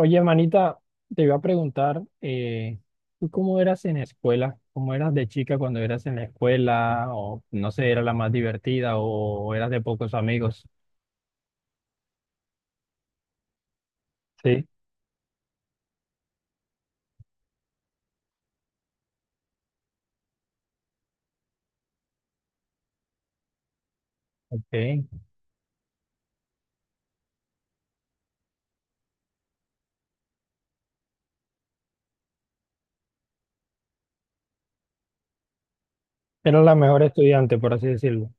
Oye, manita, te iba a preguntar, ¿tú cómo eras en la escuela? ¿Cómo eras de chica cuando eras en la escuela? O no sé, ¿era la más divertida o eras de pocos amigos? Sí, ok. Era la mejor estudiante, por así decirlo.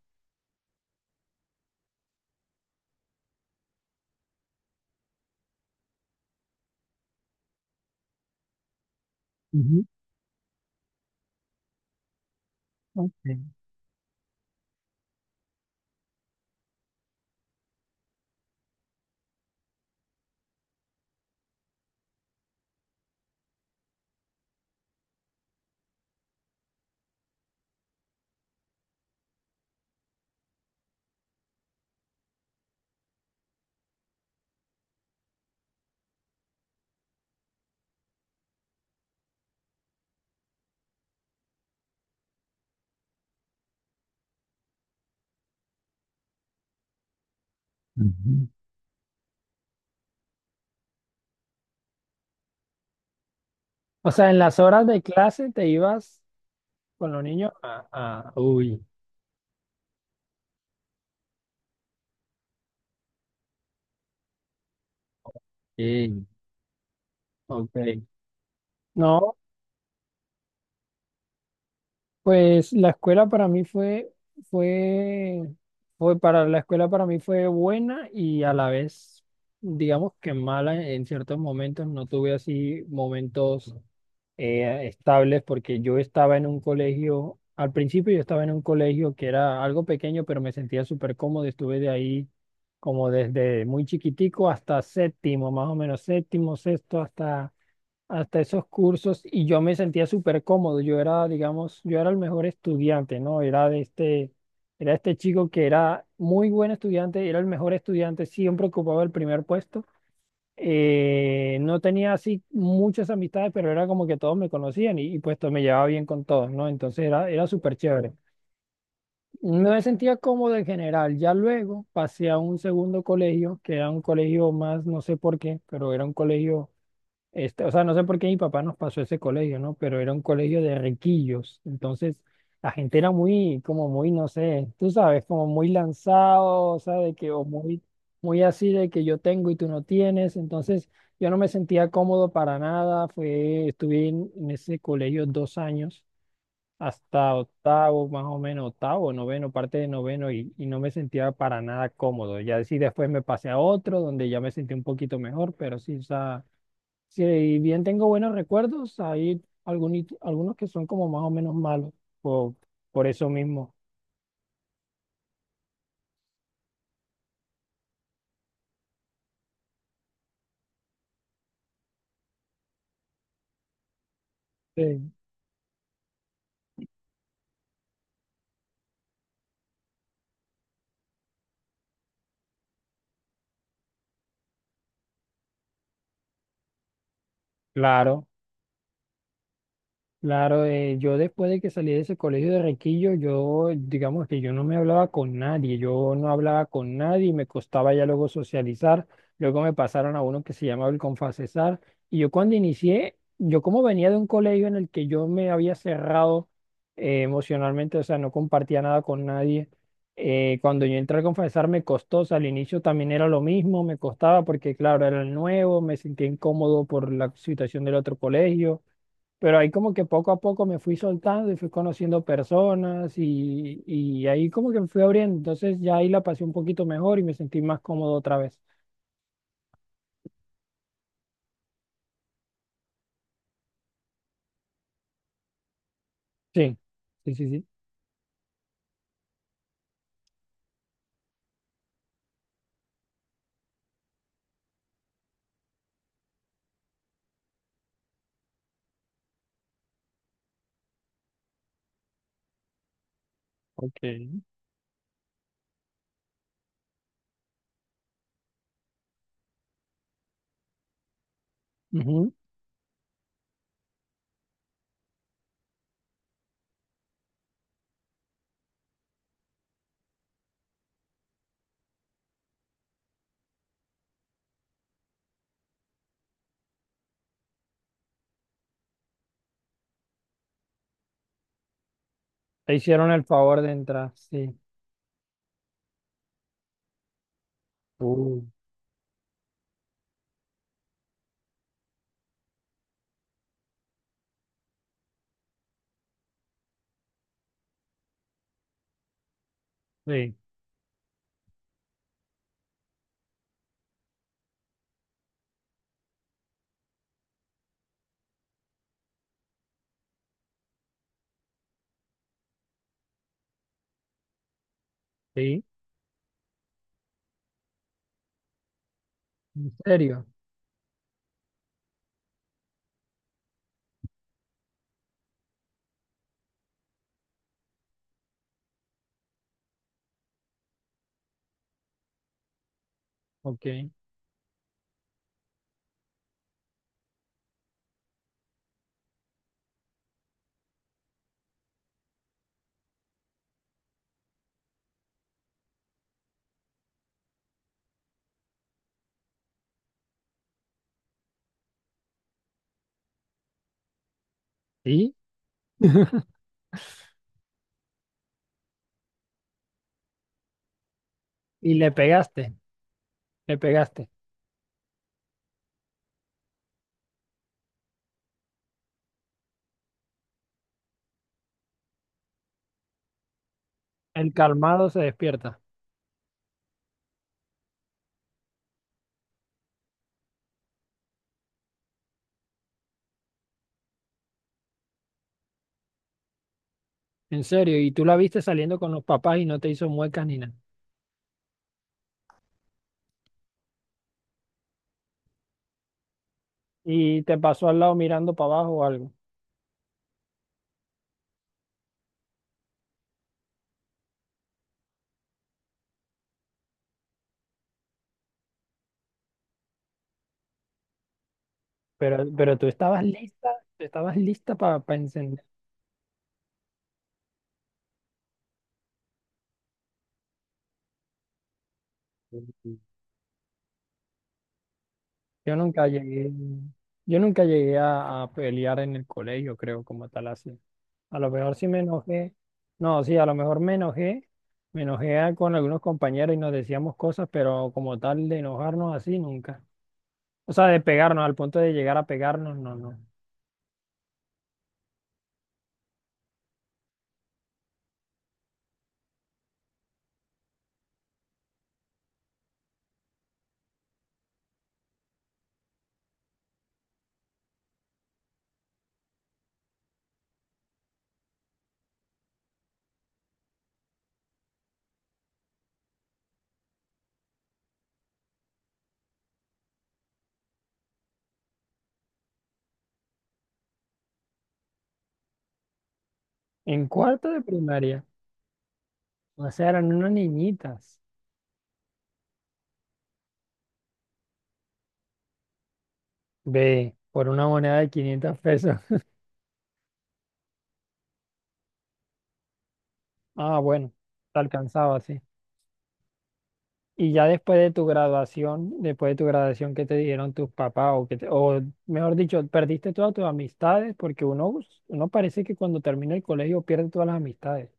Ujú, ok. Ujú. O sea, en las horas de clase te ibas con los niños Uy, sí, ok. No, pues la escuela para mí fue, fue, fue para la escuela para mí fue buena y a la vez, digamos que mala en ciertos momentos. No tuve así momentos estables porque yo estaba en un colegio, al principio yo estaba en un colegio que era algo pequeño, pero me sentía súper cómodo. Estuve de ahí como desde muy chiquitico hasta séptimo, más o menos séptimo, sexto, hasta esos cursos y yo me sentía súper cómodo. Yo era, digamos, yo era el mejor estudiante, ¿no? Era de este, era este chico que era muy buen estudiante, era el mejor estudiante, siempre ocupaba el primer puesto. No tenía así muchas amistades, pero era como que todos me conocían y pues me llevaba bien con todos, ¿no? Entonces era súper chévere. No me sentía cómodo en general. Ya luego pasé a un segundo colegio, que era un colegio más, no sé por qué, pero era un colegio este, o sea, no sé por qué mi papá nos pasó ese colegio, ¿no? Pero era un colegio de riquillos. Entonces, la gente era muy, como muy, no sé, tú sabes, como muy lanzado, o sea, de que, o muy, muy así de que yo tengo y tú no tienes. Entonces, yo no me sentía cómodo para nada. Estuve en ese colegio dos años, hasta octavo, más o menos, octavo, noveno, parte de noveno, y no me sentía para nada cómodo. Ya sí, después me pasé a otro, donde ya me sentí un poquito mejor, pero sí, o sea, si bien tengo buenos recuerdos, hay algunos que son como más o menos malos, por, por eso mismo. Sí. Claro. Claro, yo después de que salí de ese colegio de Requillo, yo digamos que yo no me hablaba con nadie, yo no hablaba con nadie, me costaba ya luego socializar, luego me pasaron a uno que se llamaba el Confacesar, y yo cuando inicié, yo como venía de un colegio en el que yo me había cerrado emocionalmente, o sea, no compartía nada con nadie, cuando yo entré al Confacesar me costó, o sea, al inicio también era lo mismo, me costaba porque claro, era el nuevo, me sentía incómodo por la situación del otro colegio, pero ahí como que poco a poco me fui soltando y fui conociendo personas y ahí como que me fui abriendo. Entonces ya ahí la pasé un poquito mejor y me sentí más cómodo otra vez. Sí, sí, sí, sí. Ok. Ujú. Te hicieron el favor de entrar, sí. Uh, Sí, sí. ¿En serio? Ok. Sí. Y le pegaste, le pegaste. El calmado se despierta. En serio, y tú la viste saliendo con los papás y no te hizo muecas ni nada. Y te pasó al lado mirando para abajo o algo. Pero tú estabas lista para encender. Yo nunca llegué, yo nunca llegué a pelear en el colegio, creo, como tal así. A lo mejor sí me enojé, no, sí, a lo mejor me enojé, con algunos compañeros y nos decíamos cosas, pero como tal de enojarnos así nunca. O sea, de pegarnos al punto de llegar a pegarnos, no, no. En cuarto de primaria, o sea, eran unas niñitas. Ve, por una moneda de 500 pesos. Ah, bueno, te alcanzaba, sí. Y ya después de tu graduación, después de tu graduación, ¿qué te dijeron tus papás? O, o mejor dicho, perdiste todas tus amistades porque uno, uno parece que cuando termina el colegio pierde todas las amistades.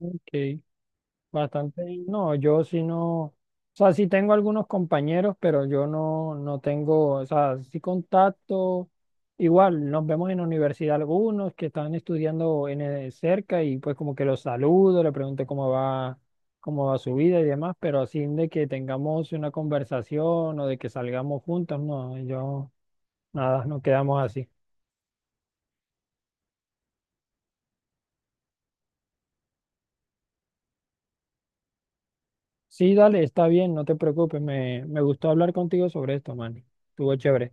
Ok. Bastante, bien. No, yo sí no, o sea, sí tengo algunos compañeros, pero yo no tengo, o sea, sí contacto, igual nos vemos en la universidad algunos que están estudiando cerca y pues como que los saludo, le pregunto cómo va su vida y demás, pero así de que tengamos una conversación o de que salgamos juntos, no, yo, nada, no quedamos así. Sí, dale, está bien, no te preocupes, me gustó hablar contigo sobre esto, man, estuvo chévere.